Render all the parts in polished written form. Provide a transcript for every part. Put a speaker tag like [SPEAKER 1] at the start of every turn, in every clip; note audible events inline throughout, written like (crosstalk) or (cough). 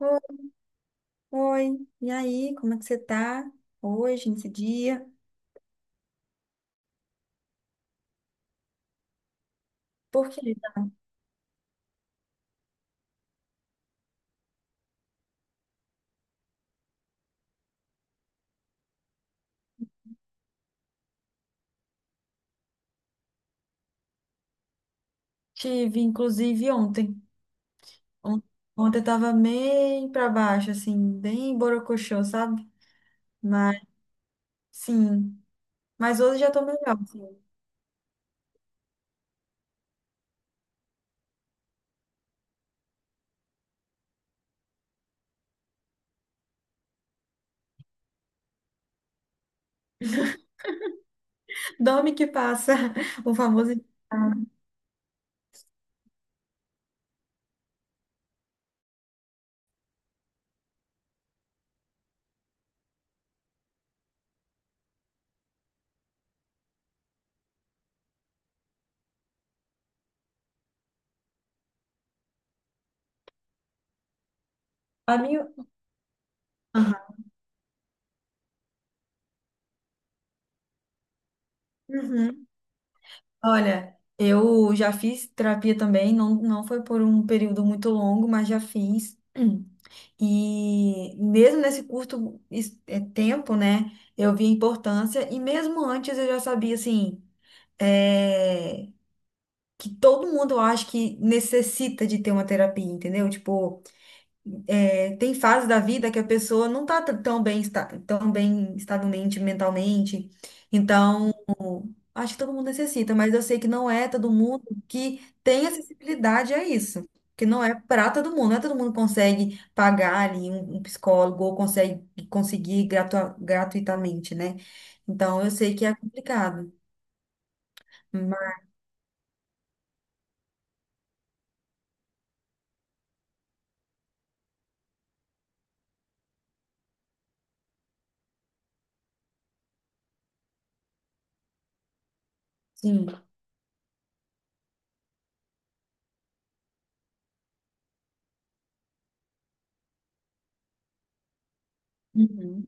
[SPEAKER 1] Oi, oi. E aí, como é que você tá hoje, nesse dia? Porque tive, inclusive, ontem. On- Ontem eu tava bem pra baixo, assim, bem borocochô, sabe? Mas, sim. Mas hoje já tô melhor, assim. (laughs) Dorme que passa, (laughs) o famoso. A minha... Aham. Uhum. Olha, eu já fiz terapia também, não, foi por um período muito longo, mas já fiz. (clears throat) E mesmo nesse curto tempo, né, eu vi a importância, e mesmo antes eu já sabia, assim, eh, que todo mundo eu acho que necessita de ter uma terapia, entendeu? Tipo, tem fases da vida que a pessoa não tá tão bem, tão bem, estável mente, mentalmente. Então, acho que todo mundo necessita, mas eu sei que não é todo mundo que tem acessibilidade a isso. Que não é para todo mundo, não é todo mundo que consegue pagar ali um psicólogo ou consegue conseguir gratuitamente, né? Então eu sei que é complicado, mas sim, uhum,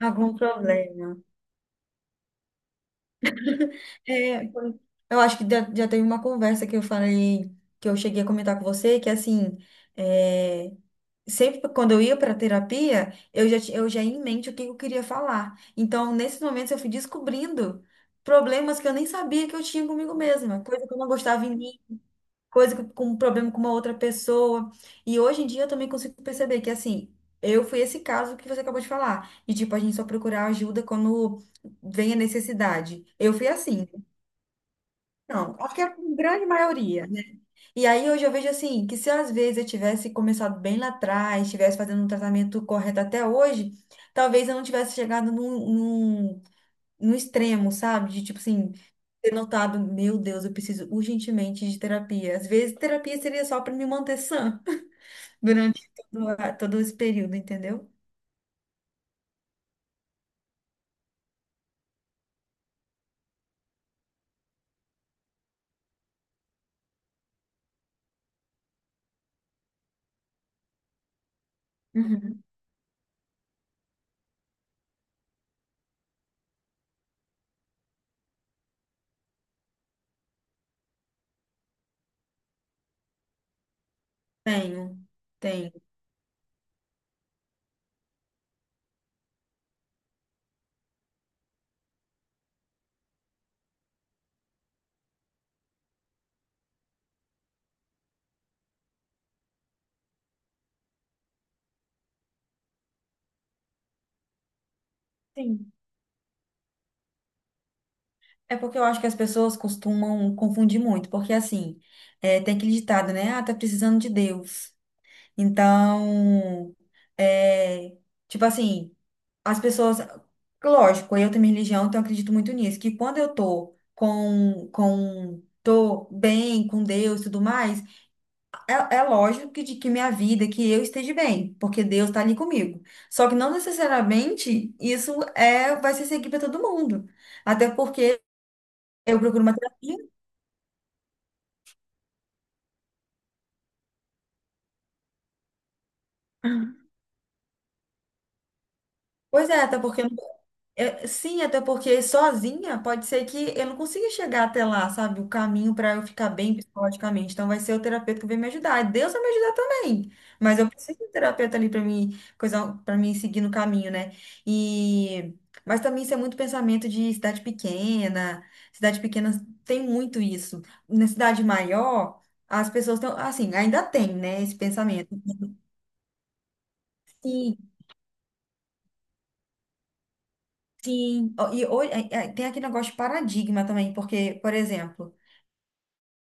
[SPEAKER 1] algum problema. É, eu acho que já teve uma conversa que eu falei, que eu cheguei a comentar com você, que assim, é, sempre quando eu ia para terapia, eu já, eu já ia em mente o que eu queria falar. Então, nesses momentos, eu fui descobrindo problemas que eu nem sabia que eu tinha comigo mesma, coisa que eu não gostava em mim, coisa que, com um problema com uma outra pessoa. E hoje em dia eu também consigo perceber que, assim, eu fui esse caso que você acabou de falar, de tipo, a gente só procurar ajuda quando vem a necessidade. Eu fui assim, né? Não, acho que é a grande maioria. E aí hoje eu vejo assim, que se às vezes eu tivesse começado bem lá atrás, tivesse fazendo um tratamento correto até hoje, talvez eu não tivesse chegado num extremo, sabe? De tipo assim, ter notado, meu Deus, eu preciso urgentemente de terapia. Às vezes terapia seria só para me manter sã (laughs) durante todo, todo esse período, entendeu? Uhum. Tenho, tenho. Sim. É porque eu acho que as pessoas costumam confundir muito, porque assim, é, tem aquele ditado, né? Ah, tá precisando de Deus. Então, é, tipo assim, as pessoas, lógico, eu tenho minha religião, então eu acredito muito nisso, que quando eu tô tô bem com Deus e tudo mais, é, é lógico que, de, que minha vida, que eu esteja bem, porque Deus tá ali comigo. Só que não necessariamente isso é, vai ser seguir para todo mundo. Até porque eu procuro uma terapia. Pois é, até porque eu é, sim, até porque sozinha pode ser que eu não consiga chegar até lá, sabe? O caminho para eu ficar bem psicologicamente. Então vai ser o terapeuta que vai me ajudar. E Deus vai me ajudar também. Mas eu preciso de um terapeuta ali para mim, coisa, para mim seguir no caminho, né? E mas também isso é muito pensamento de cidade pequena. Cidade pequena tem muito isso. Na cidade maior, as pessoas estão assim, ainda tem, né, esse pensamento. Sim, sim, ó, e é, tem aquele negócio de paradigma também, porque, por exemplo,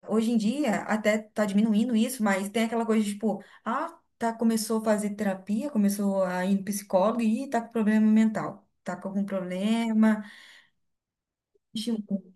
[SPEAKER 1] hoje em dia até tá diminuindo isso, mas tem aquela coisa de, tipo, ah, tá, começou a fazer terapia, começou a ir no psicólogo e tá com problema mental, tá com algum problema. Gente,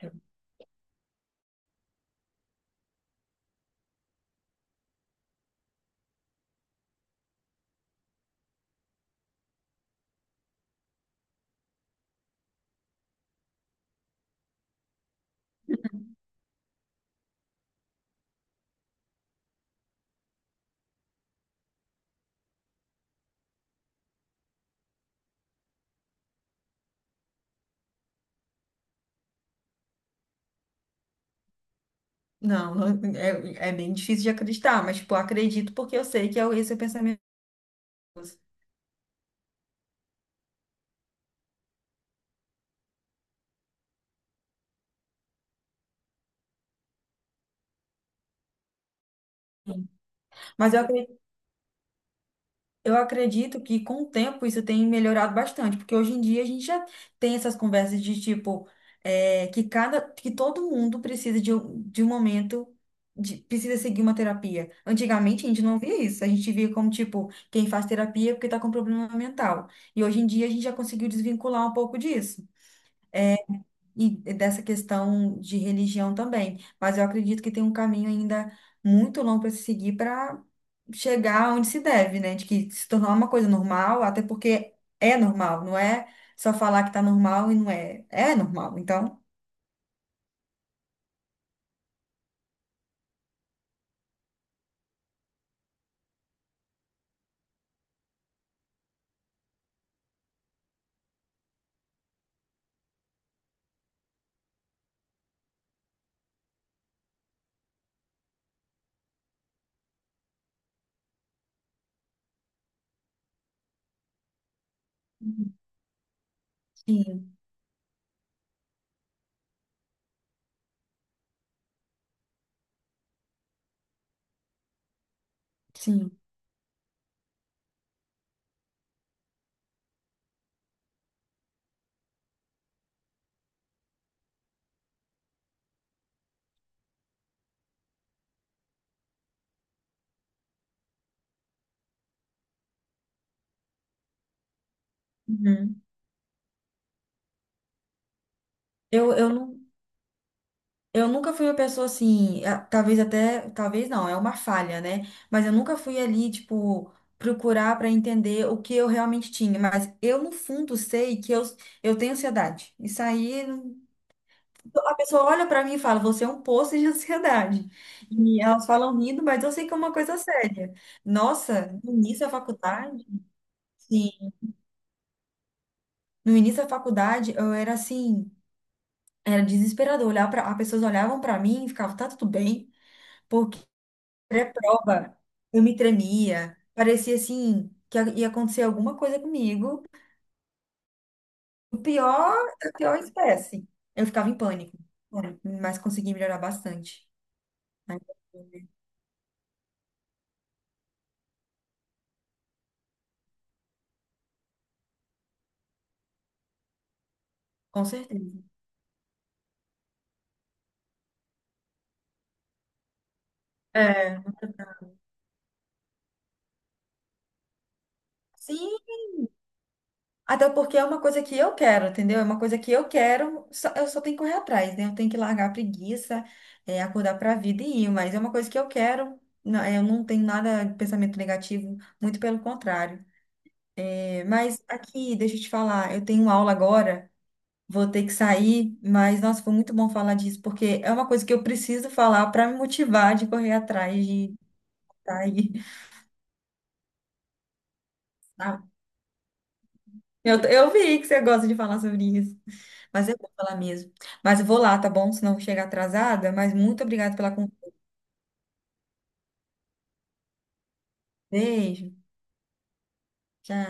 [SPEAKER 1] não, não, é, é bem difícil de acreditar, mas, tipo, acredito porque eu sei que é esse é o pensamento. Mas eu Eu acredito que com o tempo isso tem melhorado bastante, porque hoje em dia a gente já tem essas conversas de tipo, é, que cada, que todo mundo precisa de de um momento, precisa seguir uma terapia. Antigamente a gente não via isso, a gente via como tipo, quem faz terapia é porque está com problema mental. E hoje em dia a gente já conseguiu desvincular um pouco disso e dessa questão de religião também. Mas eu acredito que tem um caminho ainda muito longo para se seguir para chegar onde se deve, né? De que se tornar uma coisa normal, até porque é normal, não é só falar que tá normal e não é. É normal, então. Sim, sim. Uhum. Eu não. Eu nunca fui uma pessoa assim, talvez até, talvez não, é uma falha, né? Mas eu nunca fui ali, tipo, procurar para entender o que eu realmente tinha. Mas eu, no fundo, sei que eu tenho ansiedade. Isso aí, a pessoa olha para mim e fala, você é um poço de (laughs) ansiedade. E elas falam rindo, mas eu sei que é uma coisa séria. Nossa, no início da faculdade, sim, no início da faculdade, eu era assim, era desesperador. Olhar para, as pessoas olhavam para mim e ficavam, tá tudo bem? Pré-prova, eu me tremia, parecia assim que ia acontecer alguma coisa comigo. O pior, a pior espécie. Eu ficava em pânico, né? Mas consegui melhorar bastante, né? Com certeza. É, sim, até porque é uma coisa que eu quero, entendeu? É uma coisa que eu quero, eu só tenho que correr atrás, né? Eu tenho que largar a preguiça, é, acordar para a vida e ir, mas é uma coisa que eu quero. Não, eu não tenho nada de pensamento negativo, muito pelo contrário. Mas aqui, deixa eu te falar, eu tenho aula agora, vou ter que sair, mas nossa, foi muito bom falar disso, porque é uma coisa que eu preciso falar para me motivar de correr atrás de tá aí, (laughs) tá? Eu vi que você gosta de falar sobre isso, mas eu vou falar mesmo. Mas eu vou lá, tá bom? Senão eu vou chegar atrasada, mas muito obrigada pela conversa. Beijo, tchau.